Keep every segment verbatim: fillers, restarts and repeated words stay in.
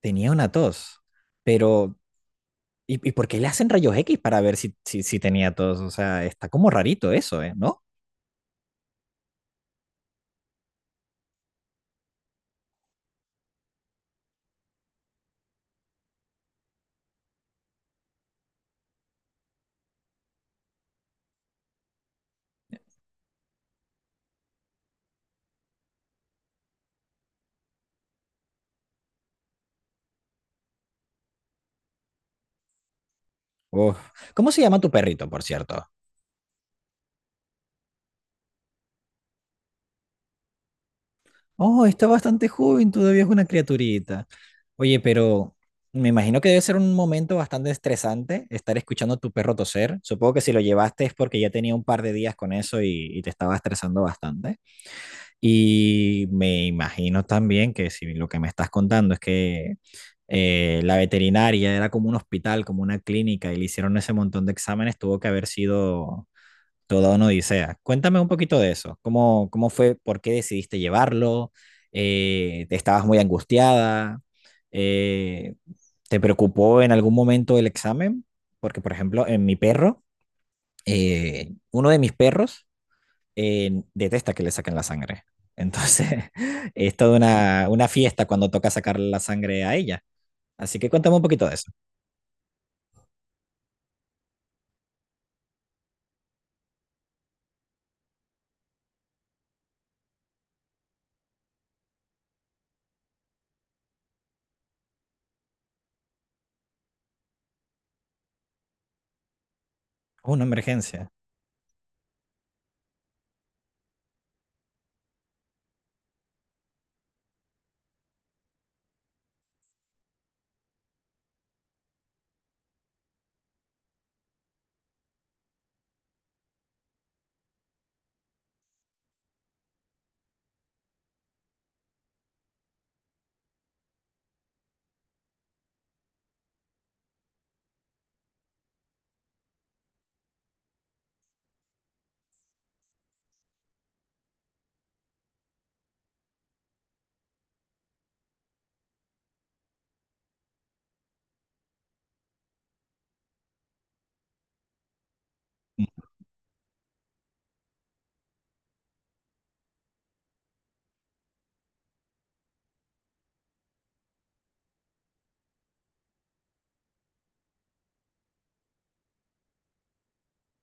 Tenía una tos, pero ¿y, y por qué le hacen rayos X para ver si, si, si tenía tos? O sea, está como rarito eso, ¿eh? ¿No? Uf. ¿Cómo se llama tu perrito, por cierto? Oh, está bastante joven, todavía es una criaturita. Oye, pero me imagino que debe ser un momento bastante estresante estar escuchando a tu perro toser. Supongo que si lo llevaste es porque ya tenía un par de días con eso y, y te estaba estresando bastante. Y me imagino también que si lo que me estás contando es que eh, la veterinaria era como un hospital, como una clínica, y le hicieron ese montón de exámenes, tuvo que haber sido toda una odisea. Cuéntame un poquito de eso. ¿Cómo, cómo fue? ¿Por qué decidiste llevarlo? Eh, ¿te ¿estabas muy angustiada? Eh, ¿te preocupó en algún momento el examen? Porque, por ejemplo, en mi perro, eh, uno de mis perros, eh, detesta que le saquen la sangre. Entonces, es toda una, una fiesta cuando toca sacarle la sangre a ella. Así que cuéntame un poquito de eso. Una emergencia.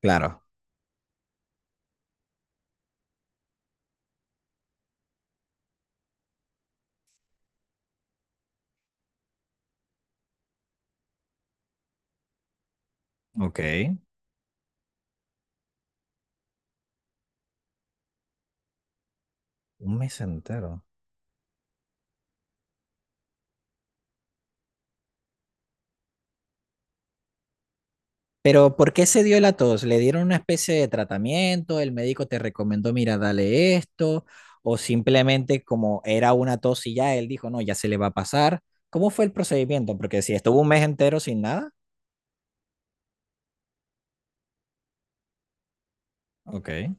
Claro. Ok. Un mes entero. Pero, ¿por qué se dio la tos? ¿Le dieron una especie de tratamiento? ¿El médico te recomendó, mira, dale esto? ¿O simplemente como era una tos y ya él dijo, no, ya se le va a pasar? ¿Cómo fue el procedimiento? Porque si estuvo un mes entero sin nada. Ok.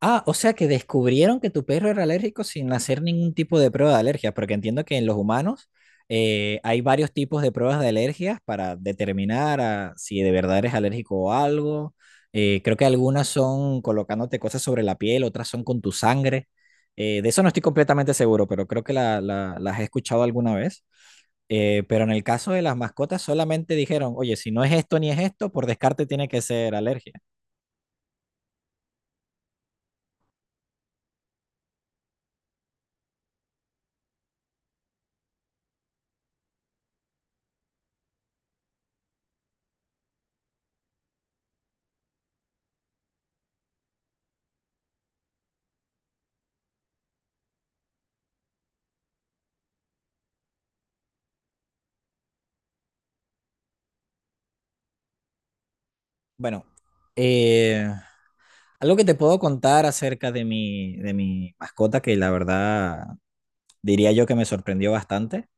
Ah, o sea que descubrieron que tu perro era alérgico sin hacer ningún tipo de prueba de alergia, porque entiendo que en los humanos eh, hay varios tipos de pruebas de alergias para determinar a- si de verdad eres alérgico a algo. Eh, creo que algunas son colocándote cosas sobre la piel, otras son con tu sangre. Eh, de eso no estoy completamente seguro, pero creo que la- la- las he escuchado alguna vez. Eh, pero en el caso de las mascotas solamente dijeron, oye, si no es esto ni es esto, por descarte tiene que ser alergia. Bueno. Eh, Algo que te puedo contar acerca de mi, de mi mascota, que la verdad diría yo que me sorprendió bastante,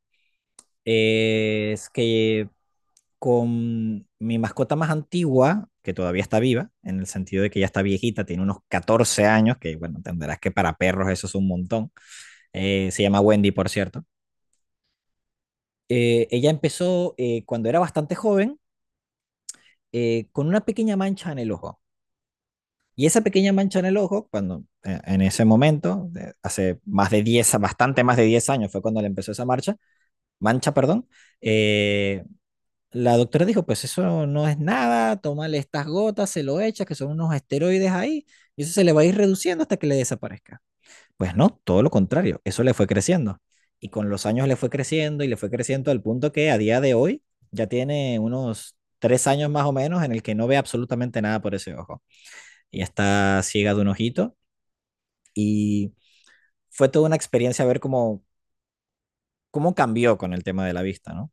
es que con mi mascota más antigua, que todavía está viva, en el sentido de que ya está viejita, tiene unos catorce años, que bueno, entenderás que para perros eso es un montón, eh, se llama Wendy, por cierto, eh, ella empezó eh, cuando era bastante joven eh, con una pequeña mancha en el ojo. Y esa pequeña mancha en el ojo, cuando eh, en ese momento, de- hace más de diez bastante más de diez años fue cuando le empezó esa marcha, mancha, perdón, eh, la doctora dijo, pues eso no es nada, tómale estas gotas, se lo echas que son unos esteroides ahí, y eso se le va a ir reduciendo hasta que le desaparezca. Pues no, todo lo contrario, eso le fue creciendo. Y con los años le fue creciendo y le fue creciendo al punto que a día de hoy ya tiene unos tres años más o menos en el que no ve absolutamente nada por ese ojo. Y está ciega de un ojito y fue toda una experiencia ver cómo, cómo cambió con el tema de la vista, ¿no?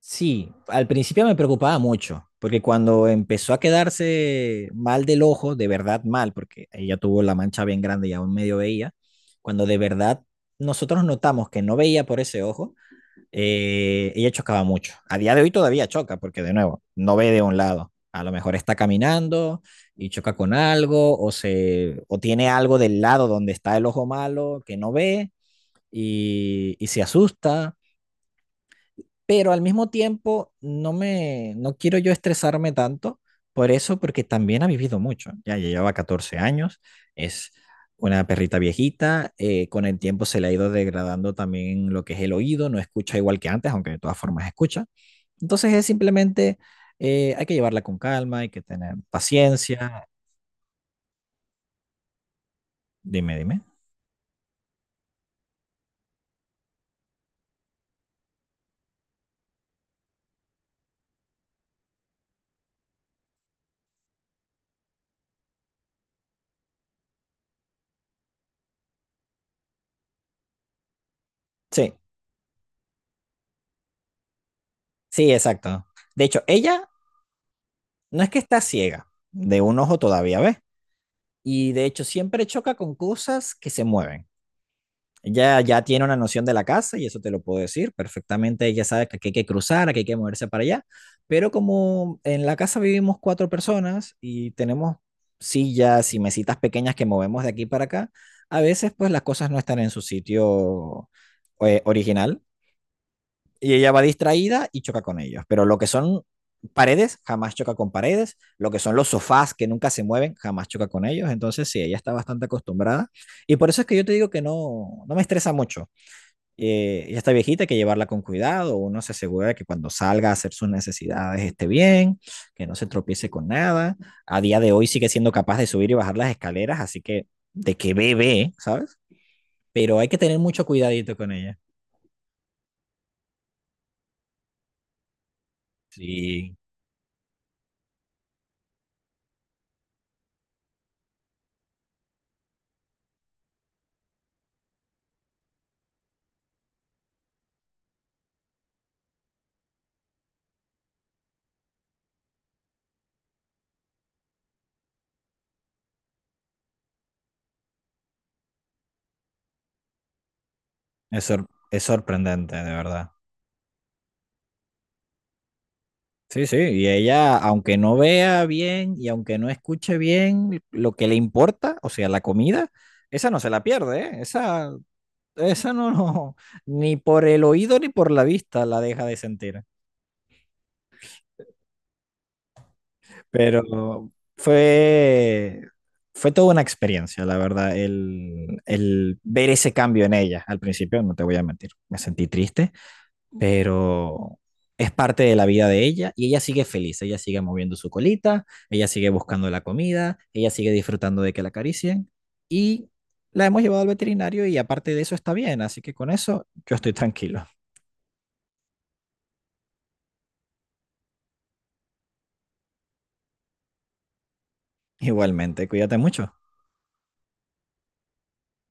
Sí, al principio me preocupaba mucho, porque cuando empezó a quedarse mal del ojo, de verdad mal, porque ella tuvo la mancha bien grande y aún medio veía, cuando de verdad nosotros notamos que no veía por ese ojo, eh, ella chocaba mucho. A día de hoy todavía choca, porque de nuevo, no ve de un lado. A lo mejor está caminando y choca con algo, o, se, o tiene algo del lado donde está el ojo malo que no ve, y, y se asusta, pero al mismo tiempo no me, no quiero yo estresarme tanto por eso, porque también ha vivido mucho, ya llevaba catorce años, es una perrita viejita, eh, con el tiempo se le ha ido degradando también lo que es el oído, no escucha igual que antes, aunque de todas formas escucha. Entonces es simplemente, eh, hay que llevarla con calma, hay que tener paciencia. Dime, dime. Sí, sí, exacto. De hecho, ella no es que está ciega, de un ojo todavía, ¿ves? Y de hecho siempre choca con cosas que se mueven. Ella ya tiene una noción de la casa y eso te lo puedo decir perfectamente. Ella sabe que aquí hay que cruzar, que hay que moverse para allá. Pero como en la casa vivimos cuatro personas y tenemos sillas y mesitas pequeñas que movemos de aquí para acá, a veces pues las cosas no están en su sitio eh, original y ella va distraída y choca con ellos. Pero lo que son paredes, jamás choca con paredes. Lo que son los sofás que nunca se mueven, jamás choca con ellos. Entonces, sí, ella está bastante acostumbrada. Y por eso es que yo te digo que no, no me estresa mucho. Eh, ella está viejita, hay que llevarla con cuidado. Uno se asegura de que cuando salga a hacer sus necesidades esté bien, que no se tropiece con nada. A día de hoy sigue siendo capaz de subir y bajar las escaleras, así que de que bebe, ¿sabes? Pero hay que tener mucho cuidadito con ella. Sí, Es, sor- es sorprendente, de verdad. Sí, sí, y ella, aunque no vea bien y aunque no escuche bien lo que le importa, o sea, la comida, esa no se la pierde, ¿eh? Esa, esa no, no, ni por el oído ni por la vista la deja de sentir. Pero fue, fue toda una experiencia, la verdad, el, el ver ese cambio en ella. Al principio, no te voy a mentir, me sentí triste. Pero es parte de la vida de ella y ella sigue feliz, ella sigue moviendo su colita, ella sigue buscando la comida, ella sigue disfrutando de que la acaricien y la hemos llevado al veterinario y aparte de eso está bien, así que con eso yo estoy tranquilo. Igualmente, cuídate mucho.